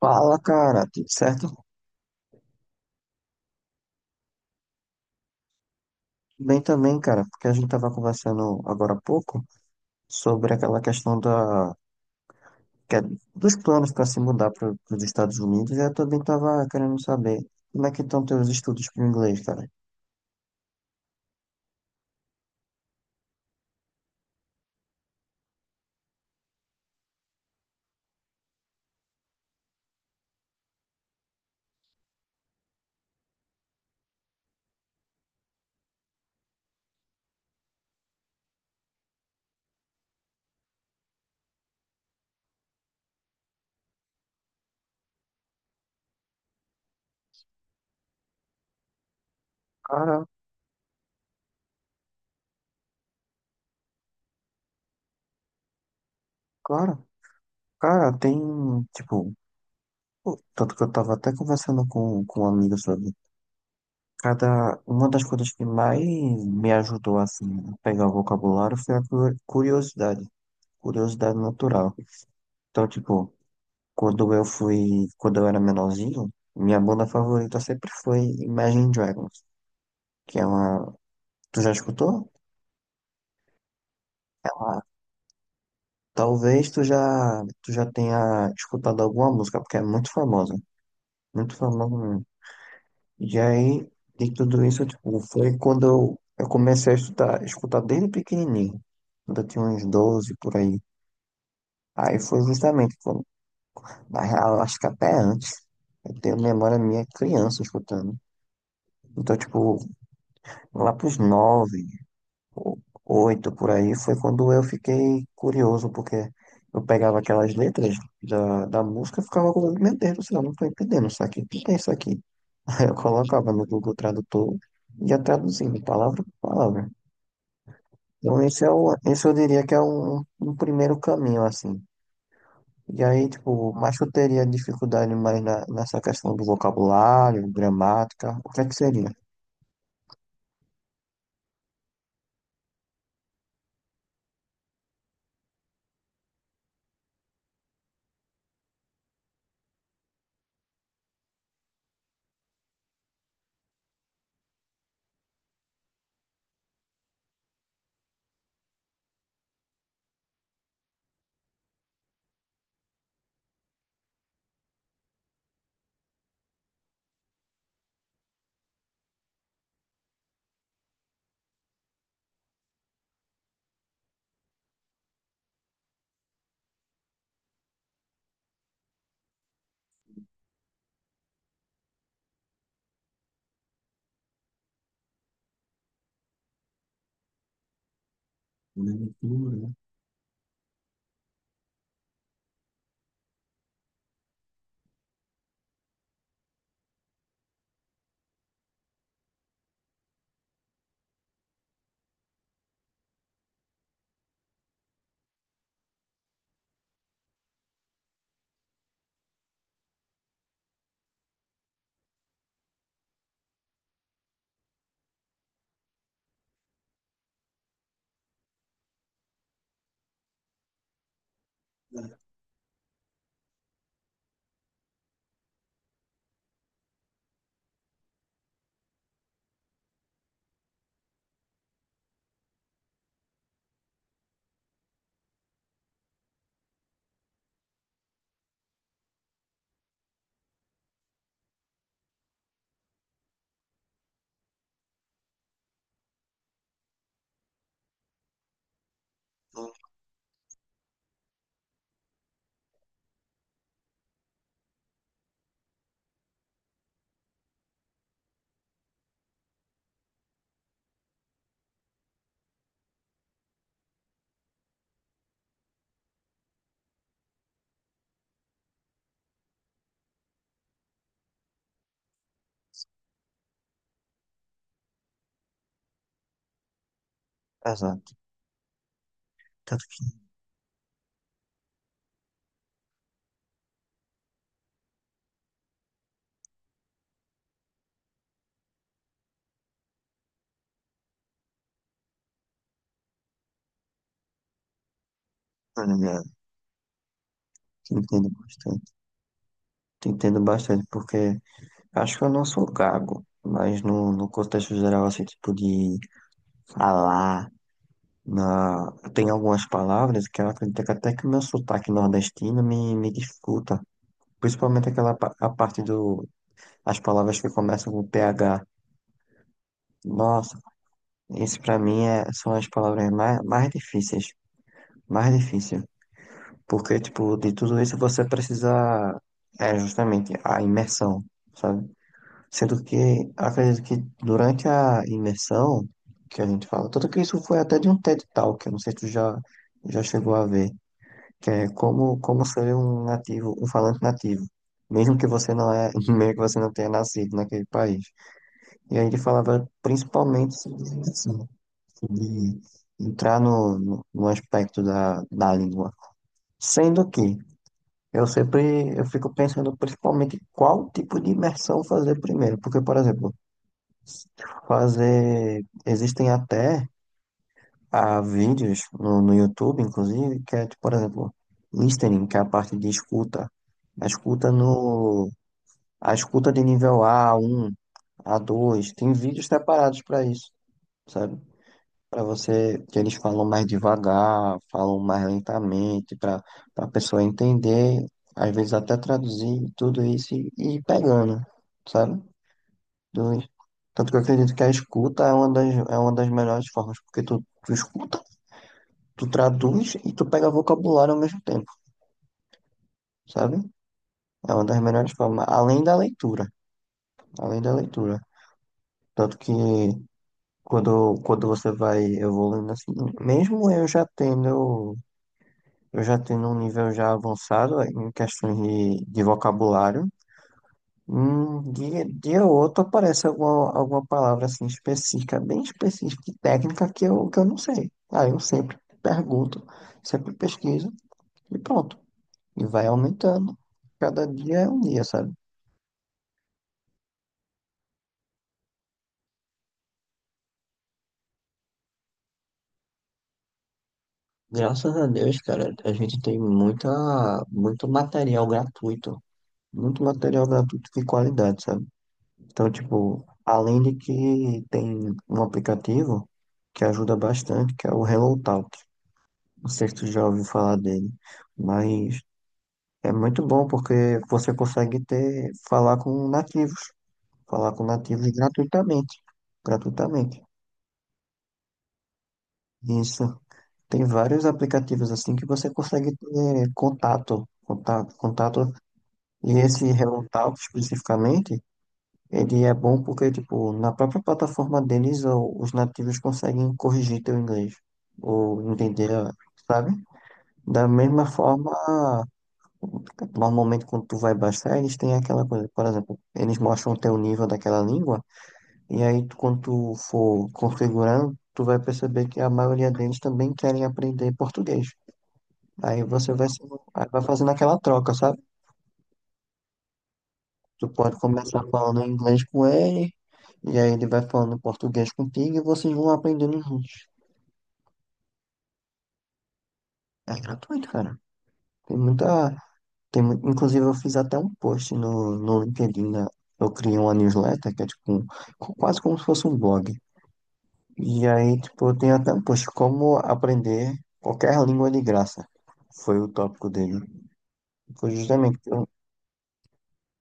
Fala, cara, tudo certo? Bem também, cara, porque a gente tava conversando agora há pouco sobre aquela questão da, que é- dos planos para se mudar para os Estados Unidos, e eu também tava querendo saber como é que estão teus estudos para inglês, cara. Cara, claro, cara, tem, tipo, pô, tanto que eu tava até conversando com um amigo sobre cada, uma das coisas que mais me ajudou, assim, a pegar o vocabulário foi a curiosidade, curiosidade natural. Então, tipo, quando eu era menorzinho, minha banda favorita sempre foi Imagine Dragons, que é uma, tu já escutou? É uma, talvez tu já, tu já tenha escutado alguma música, porque é muito famosa mesmo. E aí, de tudo isso, tipo, foi quando eu comecei a estudar, escutar desde pequenininho, quando eu tinha uns 12 por aí. Aí foi justamente quando, na real, acho que até antes, eu tenho memória minha criança escutando. Então, tipo, lá pros nove, o- oito por aí, foi quando eu fiquei curioso, porque eu pegava aquelas letras da música e ficava com meu Deus do céu, não estou entendendo isso aqui, o que que é isso aqui? Aí eu colocava no Google Tradutor e ia traduzindo palavra por palavra. Então esse é esse eu diria que é um primeiro caminho, assim. E aí, tipo, mas eu teria dificuldade mais nessa questão do vocabulário, gramática, o que é que seria? Leitura, né? Exato. Tanto que, olha, que entendo bastante. Te entendo bastante, porque acho que eu não sou gago, mas no contexto geral, assim, tipo de falar, na... tem algumas palavras que eu acredito que até que o meu sotaque nordestino me dificulta, principalmente aquela a parte do, as palavras que começam com P H. Nossa, isso pra mim é, são as palavras mais difíceis, mais difícil, porque, tipo, de tudo isso você precisa, é justamente a imersão, sabe? Sendo que acredito que durante a imersão que a gente fala, tanto que isso foi até de um TED Talk, eu não sei se tu já, já chegou a ver, que é como ser um nativo, um falante nativo, mesmo que você não é, mesmo que você não tenha nascido naquele país. E aí ele falava principalmente sobre isso, né? Sobre entrar no aspecto da língua. Sendo que eu sempre eu fico pensando principalmente qual tipo de imersão fazer primeiro, porque, por exemplo, fazer. Existem até ah, vídeos no YouTube, inclusive, que é, tipo, por exemplo, listening, que é a parte de escuta. A escuta no. A escuta de nível A um a dois tem vídeos separados para isso, sabe? Para você, que eles falam mais devagar, falam mais lentamente, para a pessoa entender, às vezes até traduzir tudo isso e ir pegando, sabe? Dois. Tanto que eu acredito que a escuta é uma das melhores formas, porque tu escuta, tu traduz e tu pega vocabulário ao mesmo tempo, sabe? É uma das melhores formas, além da leitura, além da leitura. Tanto que quando você vai evoluindo assim, mesmo eu já tendo um nível já avançado em questões de vocabulário. Dia ou outro aparece alguma palavra assim específica, bem específica e técnica que que eu não sei. Aí eu sempre pergunto, sempre pesquiso e pronto. E vai aumentando. Cada dia é um dia, sabe? Graças a Deus, cara, a gente tem muita, muito material gratuito. Muito material gratuito de qualidade, sabe? Então, tipo, além de que tem um aplicativo que ajuda bastante, que é o HelloTalk. Não sei se tu já ouviu falar dele, mas é muito bom porque você consegue ter, falar com nativos gratuitamente, gratuitamente. Isso. Tem vários aplicativos assim que você consegue ter contato, contato, contato. E esse Hello Talk especificamente, ele é bom porque, tipo, na própria plataforma deles, os nativos conseguem corrigir teu inglês ou entender, sabe? Da mesma forma, portanto, normalmente, quando tu vai baixar, eles têm aquela coisa, por exemplo, eles mostram o teu nível daquela língua, e aí tu, quando tu for configurando, tu vai perceber que a maioria deles também querem aprender português. Aí você vai, aí vai fazendo aquela troca, sabe? Tu pode começar falando inglês com ele, e aí ele vai falando português contigo, e vocês vão aprendendo juntos. É gratuito, cara. Tem muita, tem, inclusive, eu fiz até um post no LinkedIn, né? Eu criei uma newsletter que é tipo quase como se fosse um blog. E aí, tipo, eu tenho até um post, como aprender qualquer língua de graça. Foi o tópico dele. Foi justamente que, eu-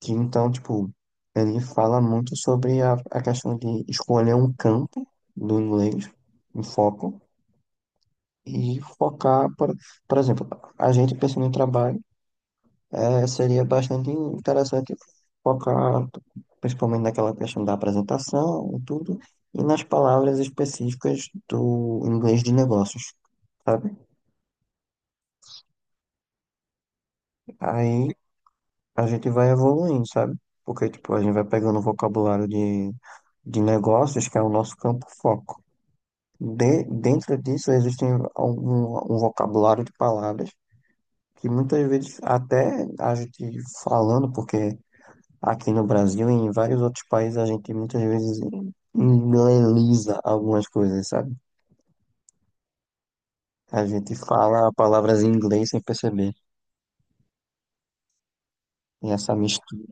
que, então, tipo, ele fala muito sobre a questão de escolher um campo do inglês, um foco, e focar, por exemplo, a gente pensando em trabalho. É, seria bastante interessante focar principalmente naquela questão da apresentação e tudo, e nas palavras específicas do inglês de negócios, sabe? Aí a gente vai evoluindo, sabe? Porque, tipo, a gente vai pegando o vocabulário de negócios, que é o nosso campo foco. De, dentro disso, existem algum, um vocabulário de palavras que muitas vezes até a gente falando, porque aqui no Brasil e em vários outros países a gente muitas vezes inglesa algumas coisas, sabe? A gente fala palavras em inglês sem perceber. E essa mistura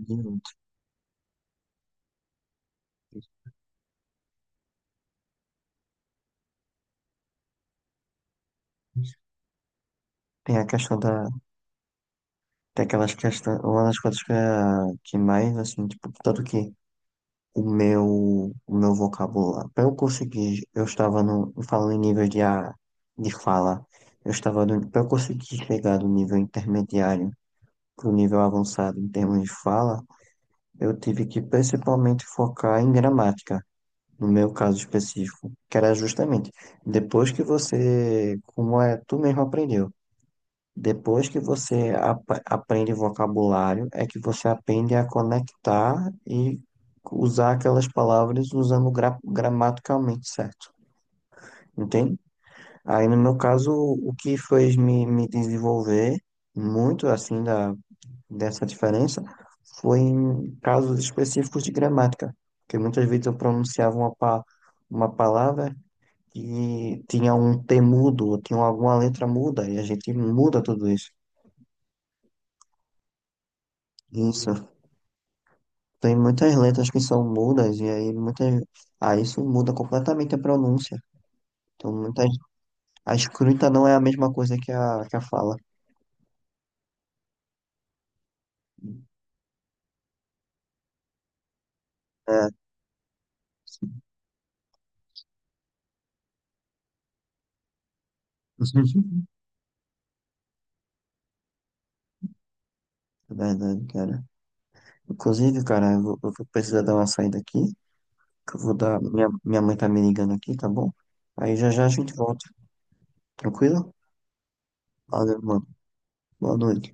de outros. Tem a questão da. Tem aquelas questões. Uma das coisas que, que mais, assim, tipo, tanto que o meu vocabulário. Pra eu conseguir, eu estava no. Falando em níveis de, de fala. Eu estava no. Pra eu conseguir chegar do nível intermediário pro nível avançado em termos de fala. Eu tive que principalmente focar em gramática, no meu caso específico, que era justamente depois que você, como é, tu mesmo aprendeu, depois que você aprende vocabulário, é que você aprende a conectar e usar aquelas palavras usando gramaticalmente certo, entende? Aí, no meu caso, o que fez me desenvolver muito assim da dessa diferença foi em casos específicos de gramática, porque muitas vezes eu pronunciava uma palavra que tinha um T mudo, ou tinha alguma letra muda, e a gente muda tudo isso. Isso. Tem muitas letras que são mudas, e aí muitas. Ah, isso muda completamente a pronúncia. Então, muitas... a escrita não é a mesma coisa que que a fala. É. Verdade, cara. Inclusive, cara, eu vou precisar dar uma saída aqui. Que eu vou dar. Minha mãe tá me ligando aqui, tá bom? Aí já já a gente volta. Tranquilo? Valeu, mano. Boa noite.